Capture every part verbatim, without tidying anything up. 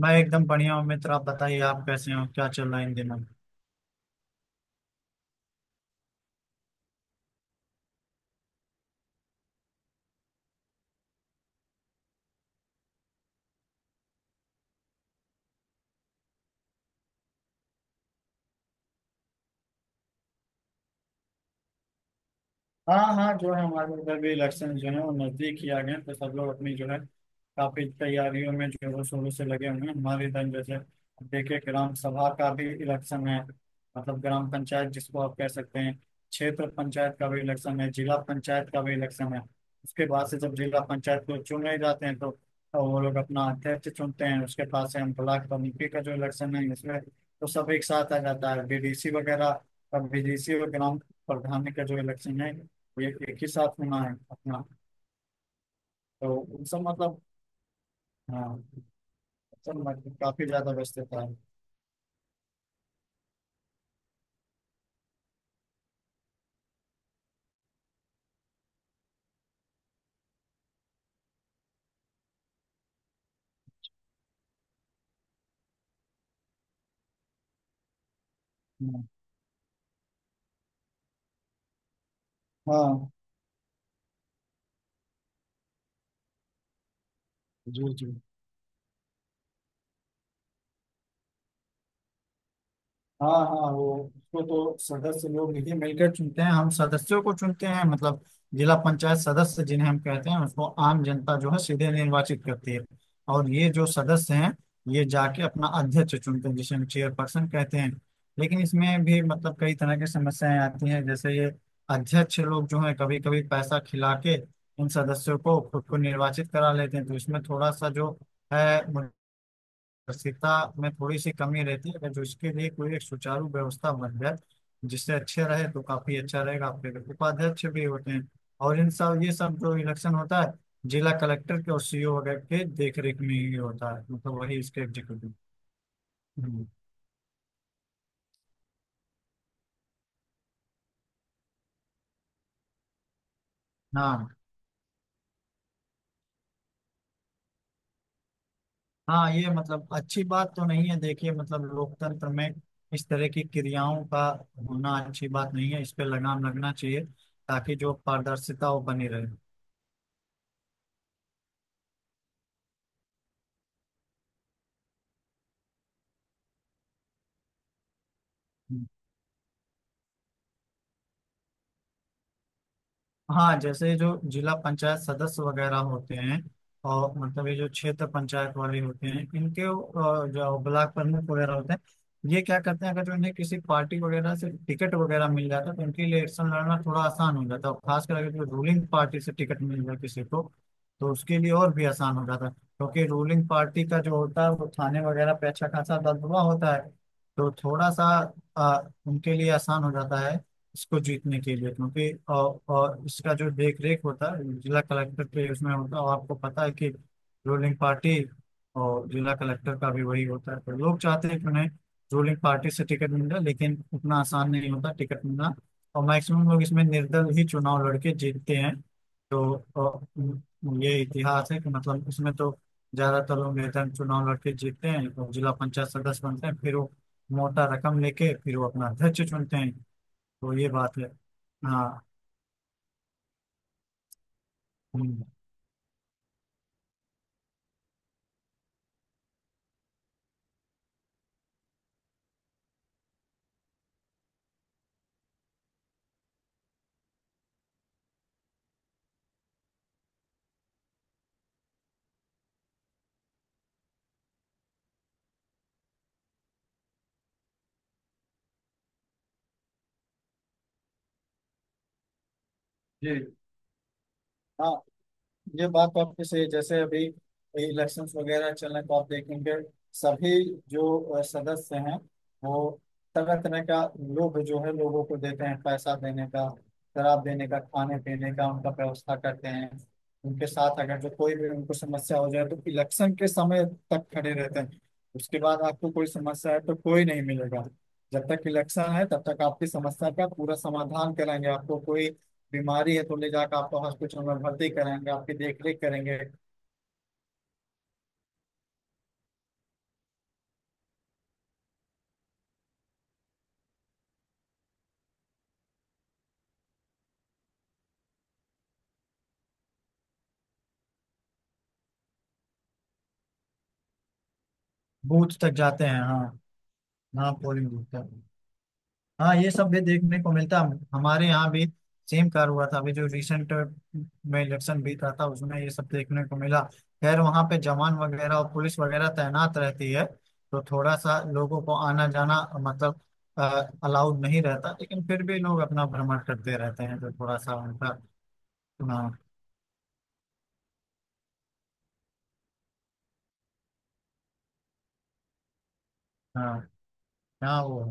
मैं एकदम बढ़िया हूँ मित्र। आप बताइए, आप कैसे हो? क्या चल रहा है इन दिनों? हाँ हाँ जो है हमारे उधर भी इलेक्शन जो है वो नजदीक ही आ गए हैं, तो सब लोग अपनी जो है काफी तैयारियों में जोरों शोरों से लगे हुए हैं। हमारे इधर जैसे देखिए ग्राम सभा का भी इलेक्शन है, मतलब ग्राम पंचायत जिसको आप कह सकते हैं। क्षेत्र पंचायत का भी इलेक्शन है, जिला पंचायत का भी इलेक्शन है। उसके बाद से जब जिला पंचायत को चुन रहे जाते हैं तो तो वो लोग अपना अध्यक्ष चुनते हैं। उसके पास से हम ब्लॉक कमेटी का जो इलेक्शन है इसमें तो सब एक साथ आ जाता है, बी डी सी वगैरह। और बी डी सी और ग्राम प्रधान का जो इलेक्शन है एक एक ही साथ होना है अपना। तो उन सब मतलब, हाँ, सब मतलब काफी ज्यादा व्यस्त था। हाँ। जी जी। हाँ हाँ, वो उसको तो सदस्य लोग मिलकर मिलकर चुनते हैं, हम सदस्यों को चुनते हैं मतलब। जिला पंचायत सदस्य जिन्हें हम कहते हैं उसको आम जनता जो है सीधे निर्वाचित करती है। और ये जो सदस्य हैं ये जाके अपना अध्यक्ष चुनते हैं जिसे हम चेयरपर्सन कहते हैं। लेकिन इसमें भी मतलब कई तरह की समस्याएं आती हैं, जैसे ये अध्यक्ष लोग जो है कभी कभी पैसा खिला के इन सदस्यों को खुद को निर्वाचित करा लेते हैं, तो इसमें थोड़ा सा जो है पारदर्शिता में थोड़ी सी कमी रहती है। अगर जो इसके लिए कोई एक सुचारू व्यवस्था बन जाए जिससे अच्छे रहे तो काफी अच्छा रहेगा। आपके लिए उपाध्यक्ष भी होते हैं। और इन सब ये सब जो इलेक्शन होता है जिला कलेक्टर के और सी ई ओ वगैरह के देख रेख में ही होता है, मतलब वही इसके एग्जीक्यूटिव। हम्म। हाँ हाँ, ये मतलब अच्छी बात तो नहीं है देखिए। मतलब लोकतंत्र में इस तरह की क्रियाओं का होना अच्छी बात नहीं है, इस पे लगाम लगना चाहिए, ताकि जो पारदर्शिता वो बनी रहे। हाँ जैसे जो जिला पंचायत सदस्य वगैरह होते हैं, और मतलब ये जो क्षेत्र पंचायत वाले होते हैं इनके अ, जो ब्लॉक प्रमुख वगैरह होते हैं, ये क्या करते हैं? अगर जो इन्हें किसी पार्टी वगैरह से टिकट वगैरह मिल जाता है तो इनके लिए इलेक्शन लड़ना थोड़ा आसान हो जाता है। और खासकर अगर जो रूलिंग पार्टी से टिकट मिल जाए किसी को, तो उसके लिए और भी आसान हो जाता है, क्योंकि रूलिंग पार्टी का जो होता है वो थाने वगैरह पे अच्छा खासा दबदबा होता है। तो थोड़ा सा अ, उनके लिए आसान हो जाता है इसको जीतने के लिए, क्योंकि और, और इसका जो देख रेख होता है जिला कलेक्टर के उसमें होता है। और आपको पता है कि रूलिंग पार्टी और जिला कलेक्टर का भी वही होता है, तो लोग चाहते हैं कि उन्हें रूलिंग पार्टी से टिकट मिल जाए, लेकिन उतना आसान नहीं होता टिकट मिलना। और मैक्सिमम लोग इसमें निर्दल ही चुनाव लड़के जीतते हैं। तो अ, ये इतिहास है कि मतलब इसमें तो ज्यादातर लोग निर्दल चुनाव लड़के जीतते हैं और जिला पंचायत सदस्य बनते हैं। फिर वो मोटा रकम लेके फिर वो अपना अध्यक्ष चुनते हैं। तो ये बात है। हाँ। हम्म। जी। हाँ ये बात तो आपकी सही है। जैसे अभी इलेक्शंस वगैरह चल रहे हैं तो आप देखेंगे सभी जो अ, सदस्य हैं वो तरह तरह का लोभ जो है लोगों को देते हैं। पैसा देने का, शराब देने का, खाने पीने का उनका व्यवस्था करते हैं। उनके साथ अगर जो कोई भी उनको समस्या हो जाए तो इलेक्शन के समय तक खड़े रहते हैं। उसके बाद आपको कोई समस्या है तो कोई नहीं मिलेगा। जब तक इलेक्शन है तब तक आपकी समस्या का पूरा समाधान कराएंगे। आपको कोई बीमारी है तो ले जाकर आपको हॉस्पिटल में भर्ती कराएंगे, आपकी देख रेख करेंगे। बूथ तक जाते हैं, हाँ। हाँ, पोलिंग बूथ तक। हाँ, ये सब भी देखने को मिलता है हमारे यहाँ भी। सेम कार हुआ था अभी जो रिसेंट में इलेक्शन बीता था, उसमें ये सब देखने को मिला। खैर वहाँ पे जवान वगैरह और पुलिस वगैरह तैनात रहती है, तो थोड़ा सा लोगों को आना जाना मतलब अलाउड नहीं रहता, लेकिन फिर भी लोग अपना भ्रमण करते रहते हैं, तो थोड़ा सा उनका। हाँ हाँ हाँ। वो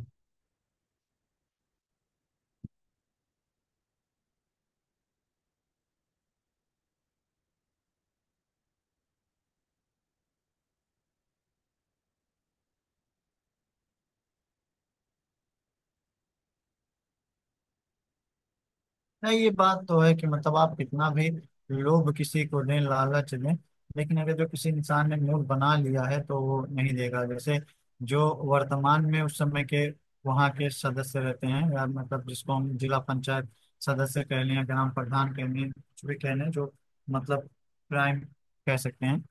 नहीं, ये बात तो है कि मतलब आप कितना भी लोभ किसी को दें, लालच दें, लेकिन अगर जो किसी इंसान ने मूड बना लिया है तो वो नहीं देगा। जैसे जो वर्तमान में उस समय के वहाँ के सदस्य रहते हैं या मतलब जिसको हम जिला पंचायत सदस्य कह लें या ग्राम प्रधान कह लें कुछ भी कह लें, जो मतलब प्राइम कह सकते हैं,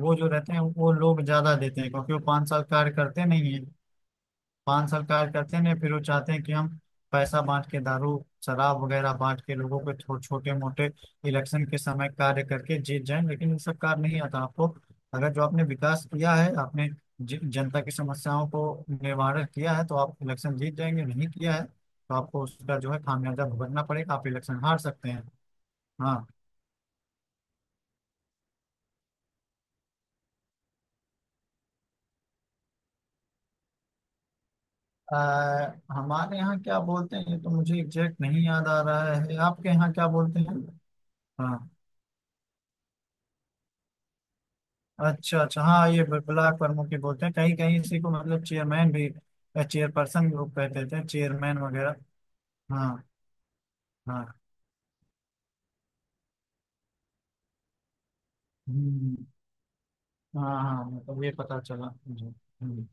वो जो रहते हैं वो लोग ज्यादा देते हैं, क्योंकि वो पाँच साल कार्य करते नहीं है। पान सरकार करते हैं, फिर वो चाहते हैं कि हम पैसा बांट के, दारू शराब वगैरह बांट के लोगों को छो, छोटे मोटे इलेक्शन के समय कार्य करके जीत जाएं। लेकिन ये सब कार्य नहीं आता आपको। अगर जो आपने विकास किया है, आपने ज- जनता की समस्याओं को निवारण किया है तो आप इलेक्शन जीत जाएंगे। नहीं किया है तो आपको उसका जो है खामियाजा भुगतना पड़ेगा, आप इलेक्शन हार सकते हैं। हाँ। अ, हमारे यहाँ क्या बोलते हैं? ये तो मुझे एग्जैक्ट नहीं याद आ रहा है। आपके यहाँ क्या बोलते हैं? हाँ। अच्छा अच्छा। हाँ ये ब- ब्लॉक प्रमुख ही बोलते हैं। कहीं कहीं इसी को मतलब चेयरमैन भी, चेयरपर्सन लोग कहते थे, चेयरमैन वगैरह। हाँ। हाँ हम्म। हाँ हाँ, मतलब ये पता चला मुझे। हम्म।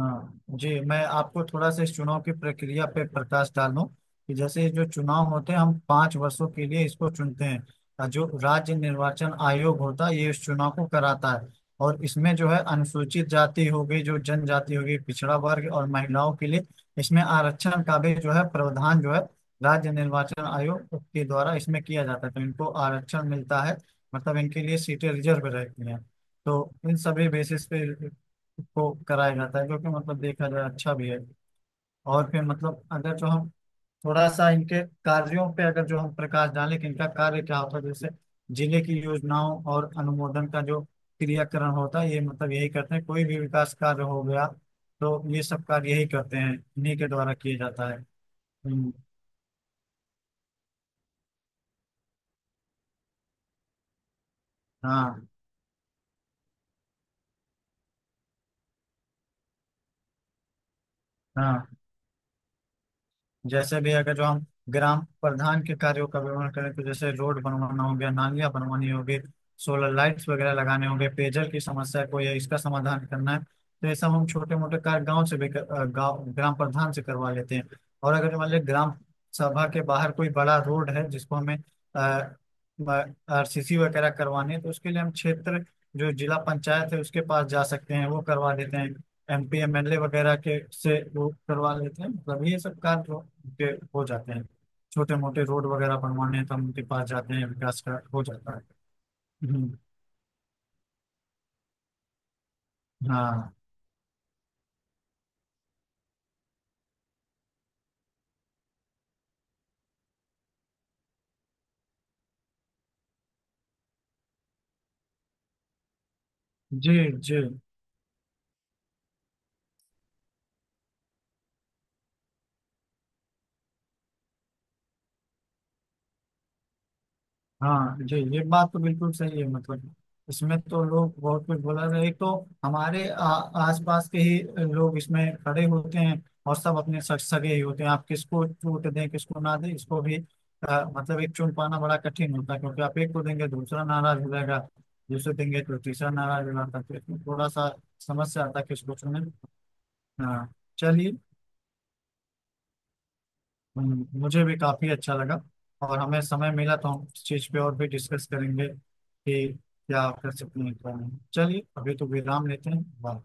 हाँ जी, मैं आपको थोड़ा सा इस चुनाव की प्रक्रिया पे प्रकाश डालूं कि जैसे जो चुनाव होते हैं हम पांच वर्षों के लिए इसको चुनते हैं, और जो राज्य निर्वाचन आयोग होता है ये इस चुनाव को कराता है। और इसमें जो है अनुसूचित जाति हो गई, जो जनजाति हो गई, पिछड़ा वर्ग और महिलाओं के लिए इसमें आरक्षण का भी जो है प्रावधान जो है राज्य निर्वाचन आयोग के द्वारा इसमें किया जाता है, तो इनको आरक्षण मिलता है। मतलब इनके लिए सीटें रिजर्व रहती हैं। तो इन सभी बेसिस पे को कराया जाता है, जो कि मतलब देखा जाए अच्छा भी है। और फिर मतलब अगर जो हम थोड़ा सा इनके कार्यों पे अगर जो हम प्रकाश डालें कि इनका कार्य क्या होता है, जैसे जिले की योजनाओं और अनुमोदन का जो क्रियाकरण होता है ये मतलब यही करते हैं। कोई भी विकास कार्य हो गया तो ये सब कार्य यही करते हैं, इन्हीं के द्वारा किए जाता है। हम्म। हाँ हाँ। जैसे भी अगर जो हम ग्राम प्रधान के कार्यों का विवरण करें, तो जैसे रोड बनवाना हो गया, नालियां बनवानी होगी, सोलर लाइट्स वगैरह लगाने होंगे, पेयजल की समस्या को या इसका समाधान करना है, तो ये सब हम छोटे मोटे कार्य गांव से भी कर- अ, गाँव ग्राम प्रधान से करवा लेते हैं। और अगर मान लीजिए ग्राम सभा के बाहर कोई बड़ा रोड है जिसको हमें आर सी सी वगैरह करवाने हैं, तो उसके लिए हम क्षेत्र जो जिला पंचायत है उसके पास जा सकते हैं, वो करवा देते हैं। M P M L A वगैरह के से वो करवा लेते हैं, मतलब ये सब कार्य हो उनके हो जाते हैं। छोटे मोटे रोड वगैरह बनवाने हैं तो हम उनके पास जाते हैं, विकास का हो जाता है। हम्म। हाँ जी जी। हाँ जी ये बात तो बिल्कुल सही है, मतलब इसमें तो लोग बहुत कुछ बोला रहे। एक तो हमारे आ, आसपास के ही लोग इसमें खड़े होते हैं और सब अपने सग सगे ही होते हैं। आप किसको छूट दें किसको ना दें, इसको भी आ, मतलब एक चुन पाना बड़ा कठिन होता है, क्योंकि आप एक को देंगे दूसरा नाराज हो जाएगा, दूसरे देंगे तो तीसरा नाराज हो जाता है, तो इसमें थोड़ा सा समस्या आता है किसको चुने। हाँ। चलिए। हम्म, मुझे भी काफी अच्छा लगा। और हमें समय मिला तो हम इस चीज पे और भी डिस्कस करेंगे कि क्या कर सकते हैं क्या नहीं। चलिए अभी तो विराम लेते हैं। बाय।